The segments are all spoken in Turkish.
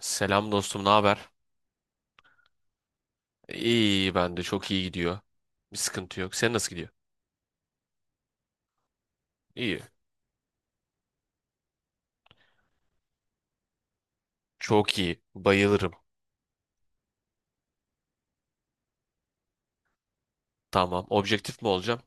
Selam dostum, ne haber? İyi, ben de çok iyi gidiyor. Bir sıkıntı yok. Sen nasıl gidiyor? İyi. Çok iyi. Bayılırım. Tamam. Objektif mi olacağım?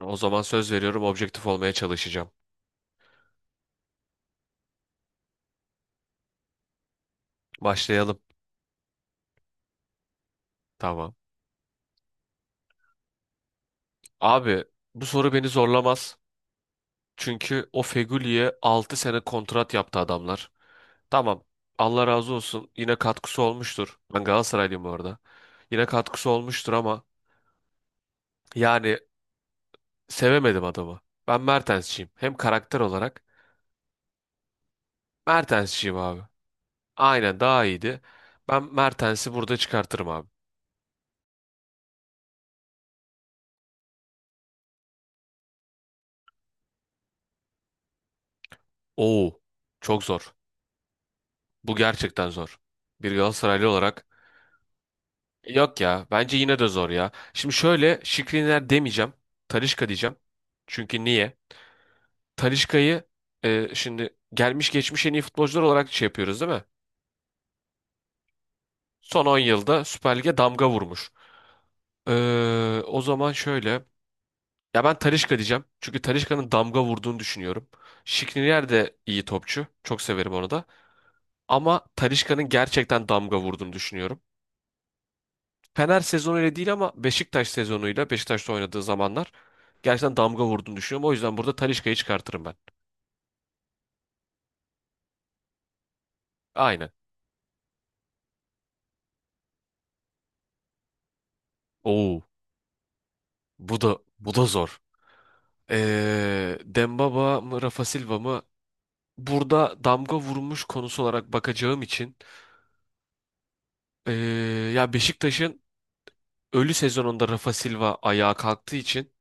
O zaman söz veriyorum objektif olmaya çalışacağım. Başlayalım. Tamam. Abi bu soru beni zorlamaz. Çünkü o Fegüli'ye 6 sene kontrat yaptı adamlar. Tamam. Allah razı olsun. Yine katkısı olmuştur. Ben Galatasaraylıyım bu arada. Yine katkısı olmuştur ama yani sevemedim adamı. Ben Mertensçiyim. Hem karakter olarak Mertens'çiyim abi. Aynen daha iyiydi. Ben Mertens'i burada çıkartırım abi. Oo, çok zor. Bu gerçekten zor. Bir Galatasaraylı olarak. Yok ya bence yine de zor ya. Şimdi şöyle Şikriner demeyeceğim. Talisca diyeceğim. Çünkü niye? Talisca'yı şimdi gelmiş geçmiş en iyi futbolcular olarak şey yapıyoruz değil mi? Son 10 yılda Süper Lig'e damga vurmuş. O zaman şöyle. Ya ben Talisca diyeceğim. Çünkü Talisca'nın damga vurduğunu düşünüyorum. Skriniar de iyi topçu. Çok severim onu da. Ama Talisca'nın gerçekten damga vurduğunu düşünüyorum. Fener sezonu ile değil ama Beşiktaş sezonuyla Beşiktaş'ta oynadığı zamanlar gerçekten damga vurduğunu düşünüyorum. O yüzden burada Talisca'yı çıkartırım ben. Aynen. Oo, bu da zor. Dembaba mı Rafa Silva mı? Burada damga vurmuş konusu olarak bakacağım için ee, ya Beşiktaş'ın ölü sezonunda Rafa Silva ayağa kalktığı için.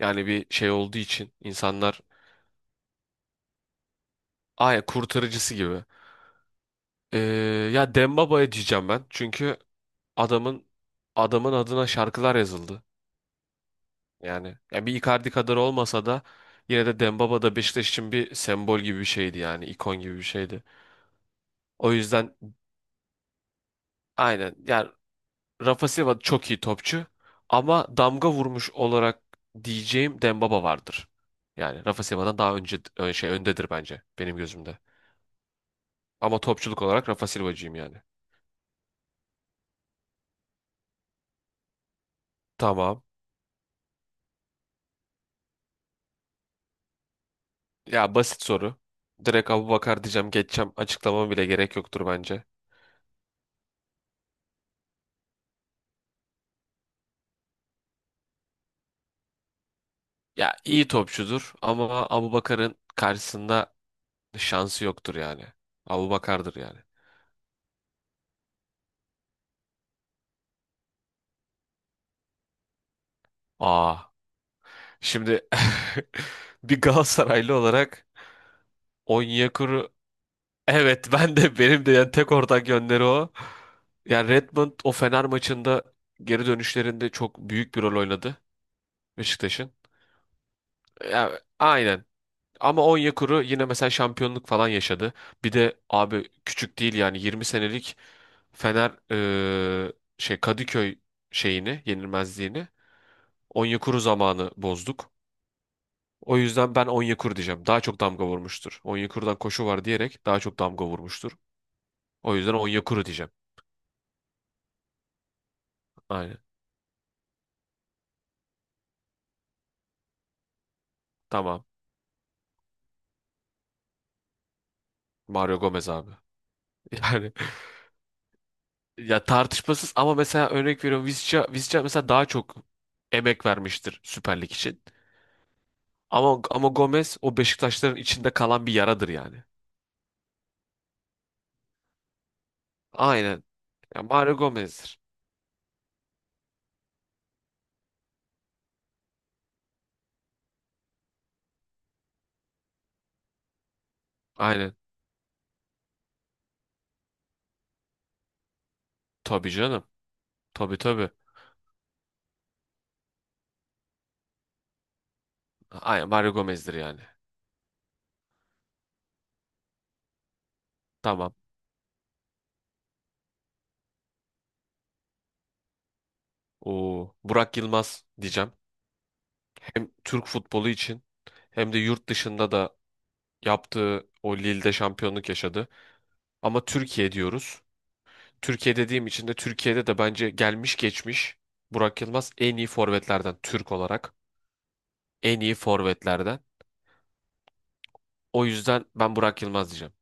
Yani bir şey olduğu için insanlar aya kurtarıcısı gibi. Ee, Ya Dembaba'ya diyeceğim ben. Çünkü adamın adamın adına şarkılar yazıldı. Yani ya bir Icardi kadar olmasa da yine de Dembaba da Beşiktaş için bir sembol gibi bir şeydi yani ikon gibi bir şeydi. O yüzden aynen yani Rafa Silva çok iyi topçu ama damga vurmuş olarak diyeceğim Dembaba vardır. Yani Rafa Silva'dan daha önce şey öndedir bence benim gözümde. Ama topçuluk olarak Rafa Silva'cıyım yani. Tamam. Ya basit soru. Direkt Abubakar diyeceğim geçeceğim. Açıklamam bile gerek yoktur bence. Ya iyi topçudur ama Abubakar'ın karşısında şansı yoktur yani. Abubakar'dır yani. Aa. Şimdi bir Galatasaraylı olarak Onyekuru evet ben de benim de yani tek ortak yönleri o. Yani Redmond o Fener maçında geri dönüşlerinde çok büyük bir rol oynadı Beşiktaş'ın. Ya, aynen. Ama Onyekuru yine mesela şampiyonluk falan yaşadı. Bir de abi küçük değil yani 20 senelik Fener şey Kadıköy şeyini, yenilmezliğini Onyekuru zamanı bozduk. O yüzden ben Onyekuru diyeceğim. Daha çok damga vurmuştur. Onyekuru'dan koşu var diyerek daha çok damga vurmuştur. O yüzden Onyekuru diyeceğim. Aynen. Tamam. Mario Gomez abi. Yani ya tartışmasız ama mesela örnek veriyorum Visca mesela daha çok emek vermiştir Süper Lig için. Ama Gomez o Beşiktaşların içinde kalan bir yaradır yani. Aynen. Ya Mario Gomez'dir. Aynen. Tabii canım. Tabii. Aynen Mario Gomez'dir yani. Tamam. O Burak Yılmaz diyeceğim. Hem Türk futbolu için hem de yurt dışında da yaptığı o Lille'de şampiyonluk yaşadı. Ama Türkiye diyoruz. Türkiye dediğim için de Türkiye'de de bence gelmiş geçmiş Burak Yılmaz en iyi forvetlerden Türk olarak en iyi forvetlerden. O yüzden ben Burak Yılmaz diyeceğim.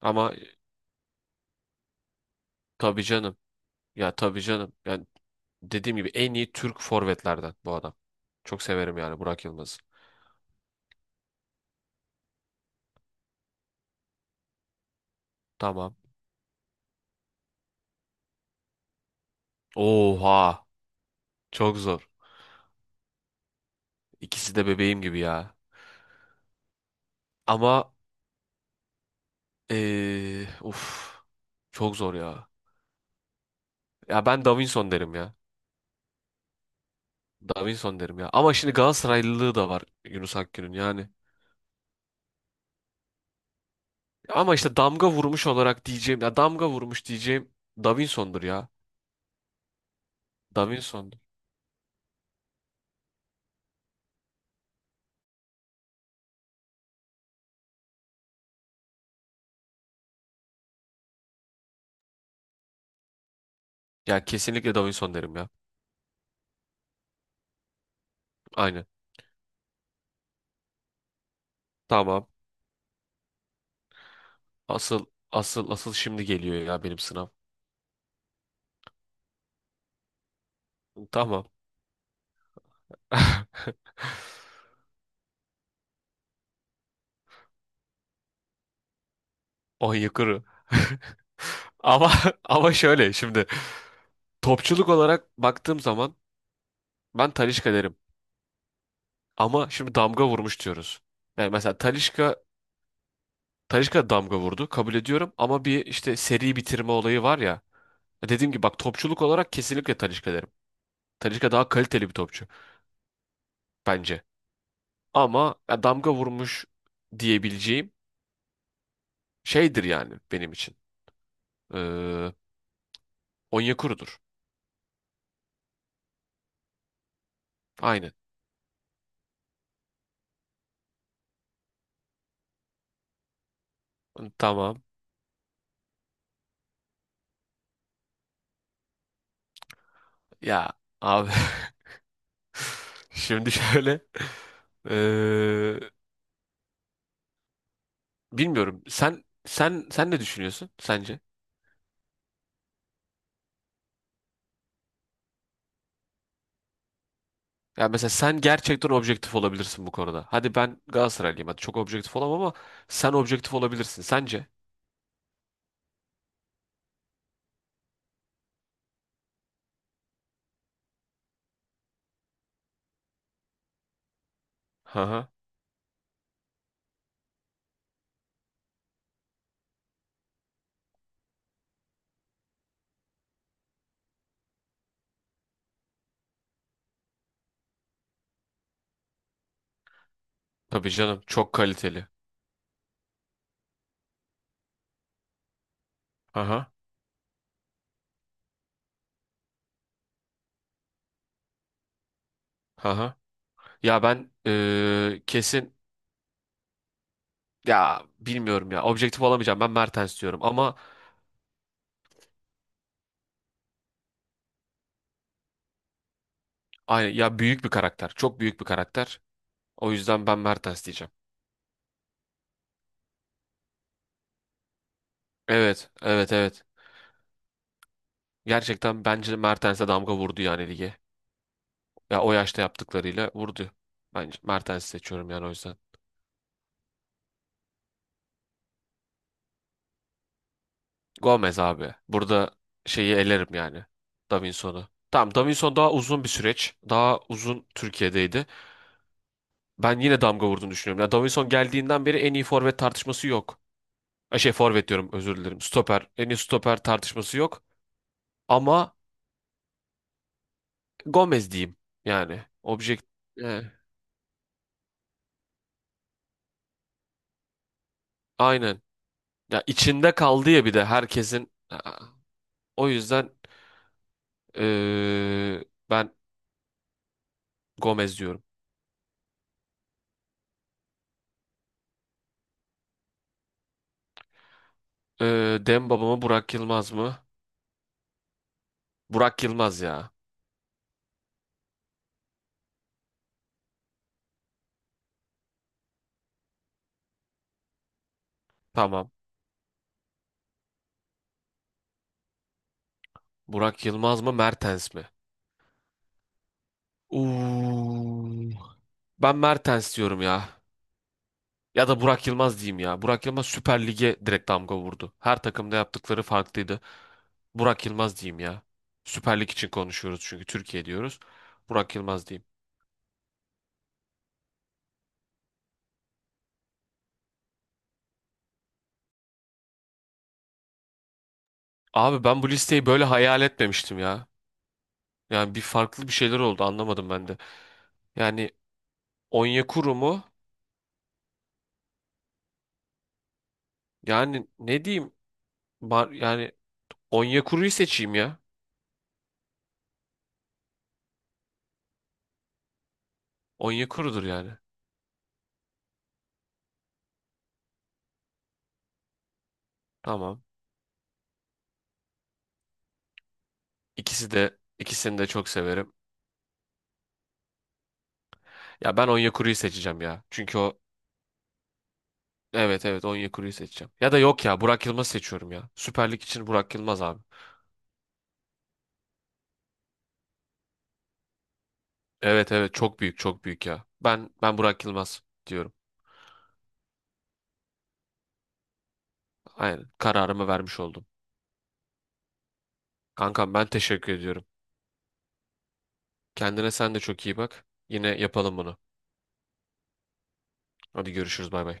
Ama tabii canım. Ya tabii canım. Yani dediğim gibi en iyi Türk forvetlerden bu adam. Çok severim yani Burak Yılmaz'ı. Tamam. Oha. Çok zor. İkisi de bebeğim gibi ya. Ama uf. Çok zor ya. Ya ben Davinson derim ya. Davinson derim ya. Ama şimdi Galatasaraylılığı da var Yunus Akgün'ün yani. Ama işte damga vurmuş olarak diyeceğim. Ya damga vurmuş diyeceğim Davinson'dur ya. Davinson'dur. Ya kesinlikle Davinson derim ya. Aynen. Tamam. Asıl asıl şimdi geliyor ya benim sınav. Tamam. On yukarı. Ama ama şöyle şimdi topçuluk olarak baktığım zaman ben Talisca derim. Ama şimdi damga vurmuş diyoruz. Yani mesela Talisca damga vurdu kabul ediyorum ama bir işte seri bitirme olayı var ya. Dediğim gibi bak topçuluk olarak kesinlikle Talisca derim. Talisca daha kaliteli bir topçu bence. Ama ya damga vurmuş diyebileceğim şeydir yani benim için. Ee, Onyekuru'dur. Aynen. Tamam. Ya abi şimdi şöyle eee, bilmiyorum. Sen ne düşünüyorsun sence? Ya mesela sen gerçekten objektif olabilirsin bu konuda. Hadi ben Galatasaraylıyım. Hadi çok objektif olamam ama sen objektif olabilirsin sence? Haha. Tabii canım çok kaliteli. Haha. Haha. Ya ben kesin ya bilmiyorum ya objektif olamayacağım. Ben Mertens diyorum ama aynı ya büyük bir karakter. Çok büyük bir karakter. O yüzden ben Mertens diyeceğim. Evet, evet, evet. Gerçekten bence Mertens'e damga vurdu yani lige. Ya o yaşta yaptıklarıyla vurdu. Bence Mertens'i seçiyorum yani o yüzden. Gomez abi. Burada şeyi elerim yani. Davinson'u. Tamam Davinson daha uzun bir süreç. Daha uzun Türkiye'deydi. Ben yine damga vurduğunu düşünüyorum. Ya Davinson geldiğinden beri en iyi forvet tartışması yok. Şey forvet diyorum özür dilerim. Stoper. En iyi stoper tartışması yok. Ama Gomez diyeyim yani. Objekt. E, aynen. Ya içinde kaldı ya bir de herkesin. O yüzden eee, ben Gomez diyorum. Demba mı Burak Yılmaz mı? Burak Yılmaz ya. Tamam. Burak Yılmaz mı Mertens mi? Uuu. Ben Mertens diyorum ya. Ya da Burak Yılmaz diyeyim ya. Burak Yılmaz Süper Lig'e direkt damga vurdu. Her takımda yaptıkları farklıydı. Burak Yılmaz diyeyim ya. Süper Lig için konuşuyoruz çünkü Türkiye diyoruz. Burak Yılmaz diyeyim. Abi ben bu listeyi böyle hayal etmemiştim ya. Yani bir farklı bir şeyler oldu anlamadım ben de. Yani Onyekuru mu? Yani ne diyeyim? Yani Onyekuru'yu seçeyim ya. Onyekuru'dur yani. Tamam. İkisi de ikisini de çok severim. Ya ben Onyekuru'yu seçeceğim ya. Çünkü o evet evet Onyekuru'yu seçeceğim. Ya da yok ya Burak Yılmaz'ı seçiyorum ya. Süper Lig için Burak Yılmaz abi. Evet evet çok büyük çok büyük ya. Ben Burak Yılmaz diyorum. Aynen kararımı vermiş oldum. Kankam ben teşekkür ediyorum. Kendine sen de çok iyi bak. Yine yapalım bunu. Hadi görüşürüz bay bay.